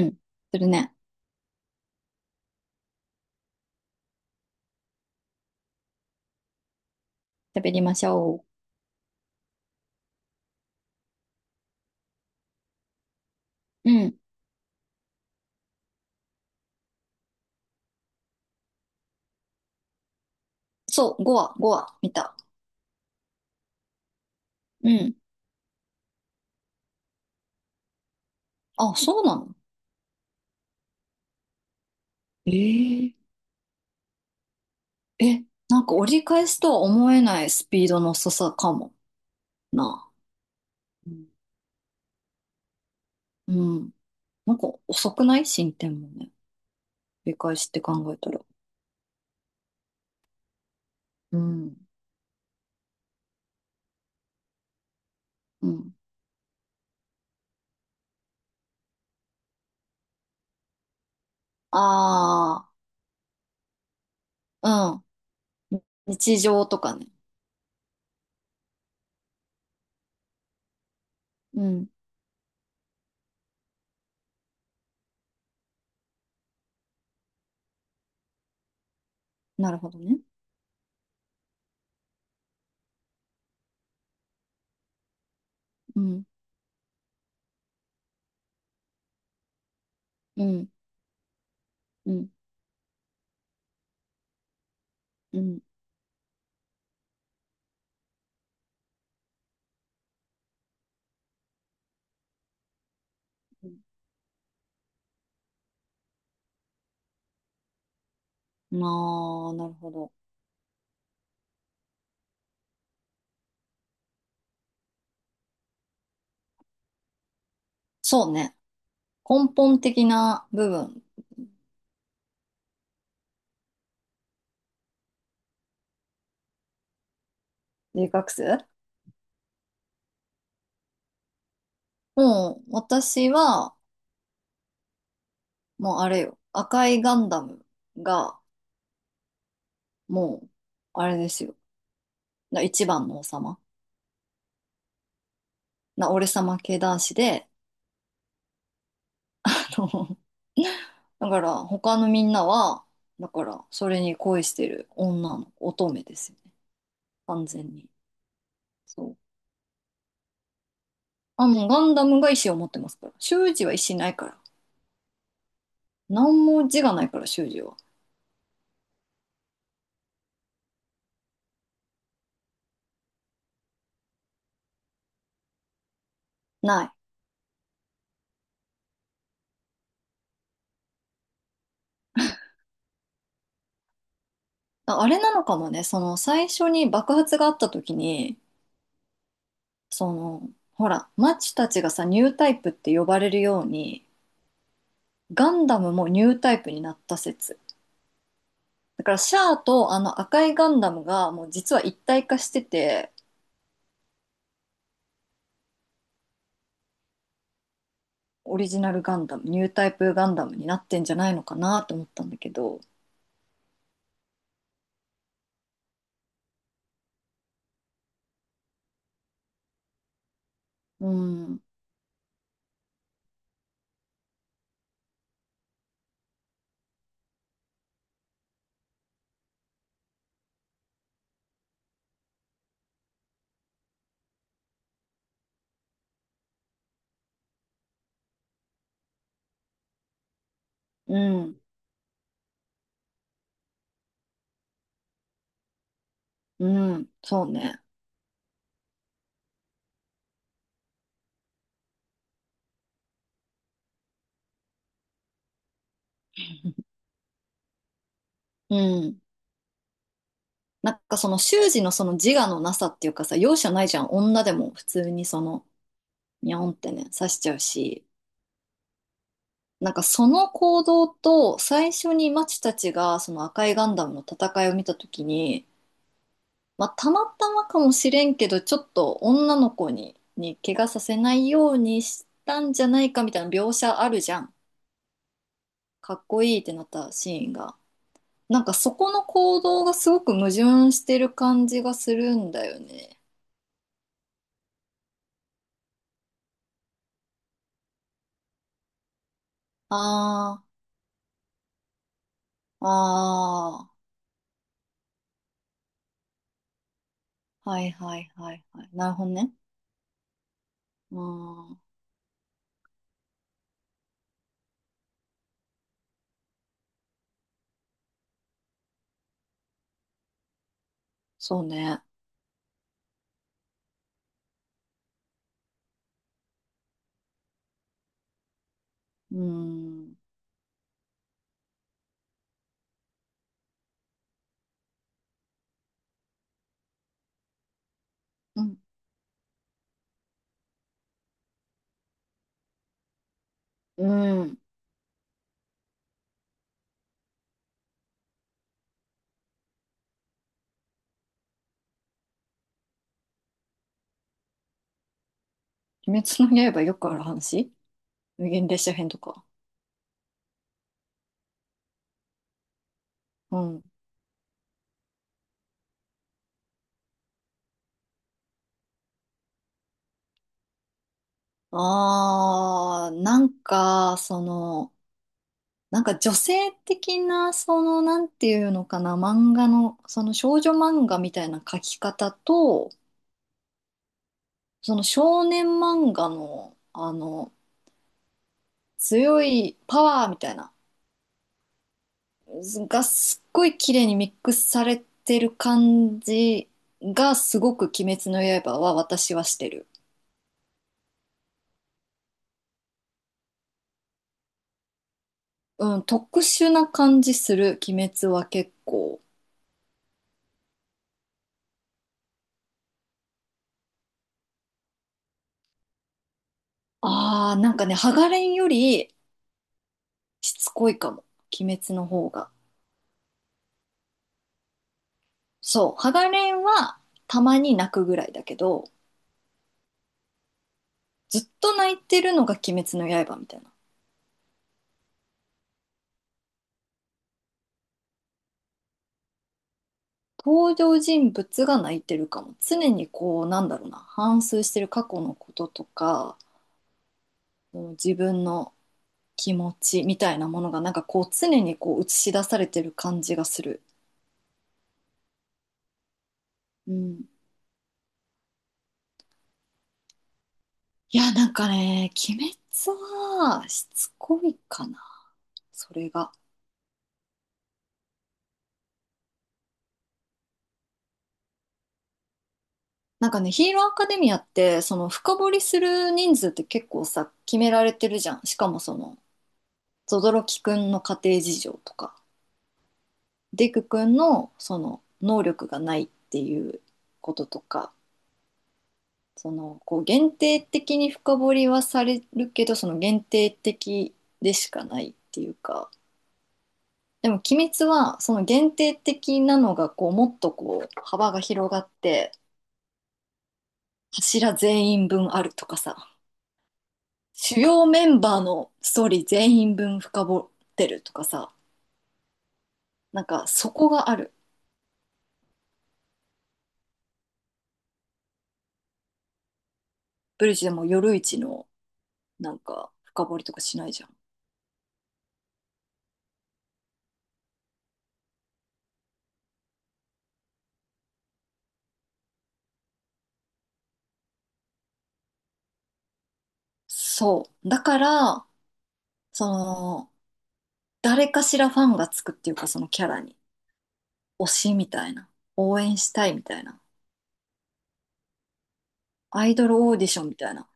うん。するね。喋りましょう。うん。そう、5話、5話、見た。うん。あ、そうなの。えええ、なんか折り返すとは思えないスピードの遅さかもな。うんうん。なんか遅くない進展もね。折り返しって考えたら。うん。うん。ああ、うん。日常とかね。うん。なるほどね。うん。うん。うん。うん。うん、なあ、なるほど。そうね。根本的な部分、留学生、もう、私は、もうあれよ、赤いガンダムが、もう、あれですよ。な一番の王様。な、俺様系男子で、あの、だから、他のみんなは、だから、それに恋してる女の乙女ですよね。完全に。そう。あ、もうガンダムが意志を持ってますから。修二は意志ないから。何も字がないから、修二は。ない。あ、あれなのかもね、その最初に爆発があった時に、そのほらマッチたちがさ、ニュータイプって呼ばれるように、ガンダムもニュータイプになった説。だからシャアとあの赤いガンダムがもう実は一体化してて、オリジナルガンダムニュータイプガンダムになってんじゃないのかなと思ったんだけど。うん、うん、うん、そうね。 うん、なんかその習字のその自我のなさっていうかさ、容赦ないじゃん、女でも普通にその、ニャオンってね、刺しちゃうし。なんかその行動と、最初にマチたちがその赤いガンダムの戦いを見た時に、まあ、たまたまかもしれんけど、ちょっと女の子に怪我させないようにしたんじゃないかみたいな描写あるじゃん。かっこいいってなったシーンが。なんかそこの行動がすごく矛盾してる感じがするんだよね。ああ、ああ、はいはいはいはい。なるほどね。うん、そうね。うん、うん、うん。鬼滅の刃よくある話、無限列車編とか。うん。あー、なんか、その、なんか女性的な、その、なんていうのかな、漫画の、その少女漫画みたいな描き方と、その少年漫画の、あの、強いパワーみたいな、がすっごい綺麗にミックスされてる感じが、すごく鬼滅の刃は私はしてる。うん、特殊な感じする、鬼滅は結構。ああ、なんかね、ハガレンよりしつこいかも、鬼滅の方が。そう、ハガレンはたまに泣くぐらいだけど、ずっと泣いてるのが鬼滅の刃みたいな。登場人物が泣いてるかも。常にこう、なんだろうな、反芻してる過去のこととか、もう自分の気持ちみたいなものが、なんかこう、常にこう映し出されてる感じがする。うん。いや、なんかね、鬼滅はしつこいかな、それが。なんかね、ヒーローアカデミアって、その深掘りする人数って結構さ、決められてるじゃん。しかもその、ゾドロキくんの家庭事情とか、デクくんのその、能力がないっていうこととか、その、こう、限定的に深掘りはされるけど、その限定的でしかないっていうか、でも「鬼滅」はその限定的なのがこうもっとこう幅が広がって、柱全員分あるとかさ、主要メンバーのストーリー全員分深掘ってるとかさ、なんかそこがある。ブリッジでも夜市のなんか深掘りとかしないじゃん。そうだから、その誰かしらファンがつくっていうか、そのキャラに、推しみたいな、応援したいみたいな、アイドルオーディションみたいな。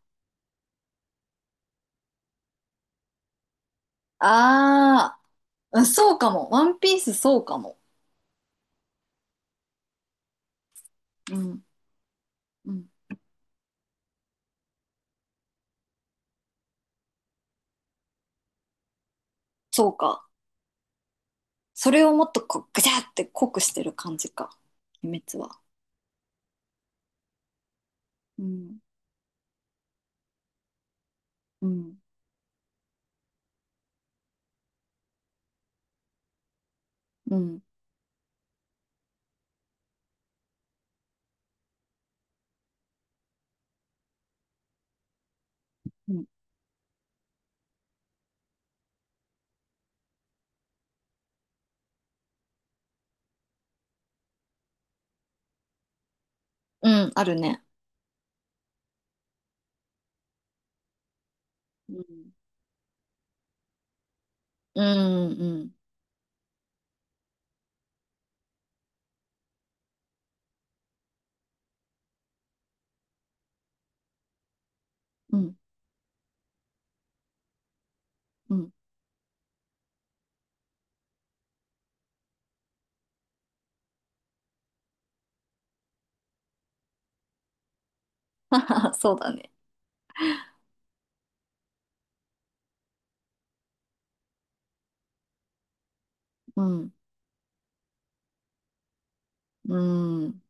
あー、うん、そうかも。ワンピースそうかも。うん。うん。そうか。それをもっとこう、ぐちゃって濃くしてる感じか。鬼滅は。うん。うん。うん。うん。うん、あるね。うん。うん、うん、うん、うん。 そうだね。うん、うん。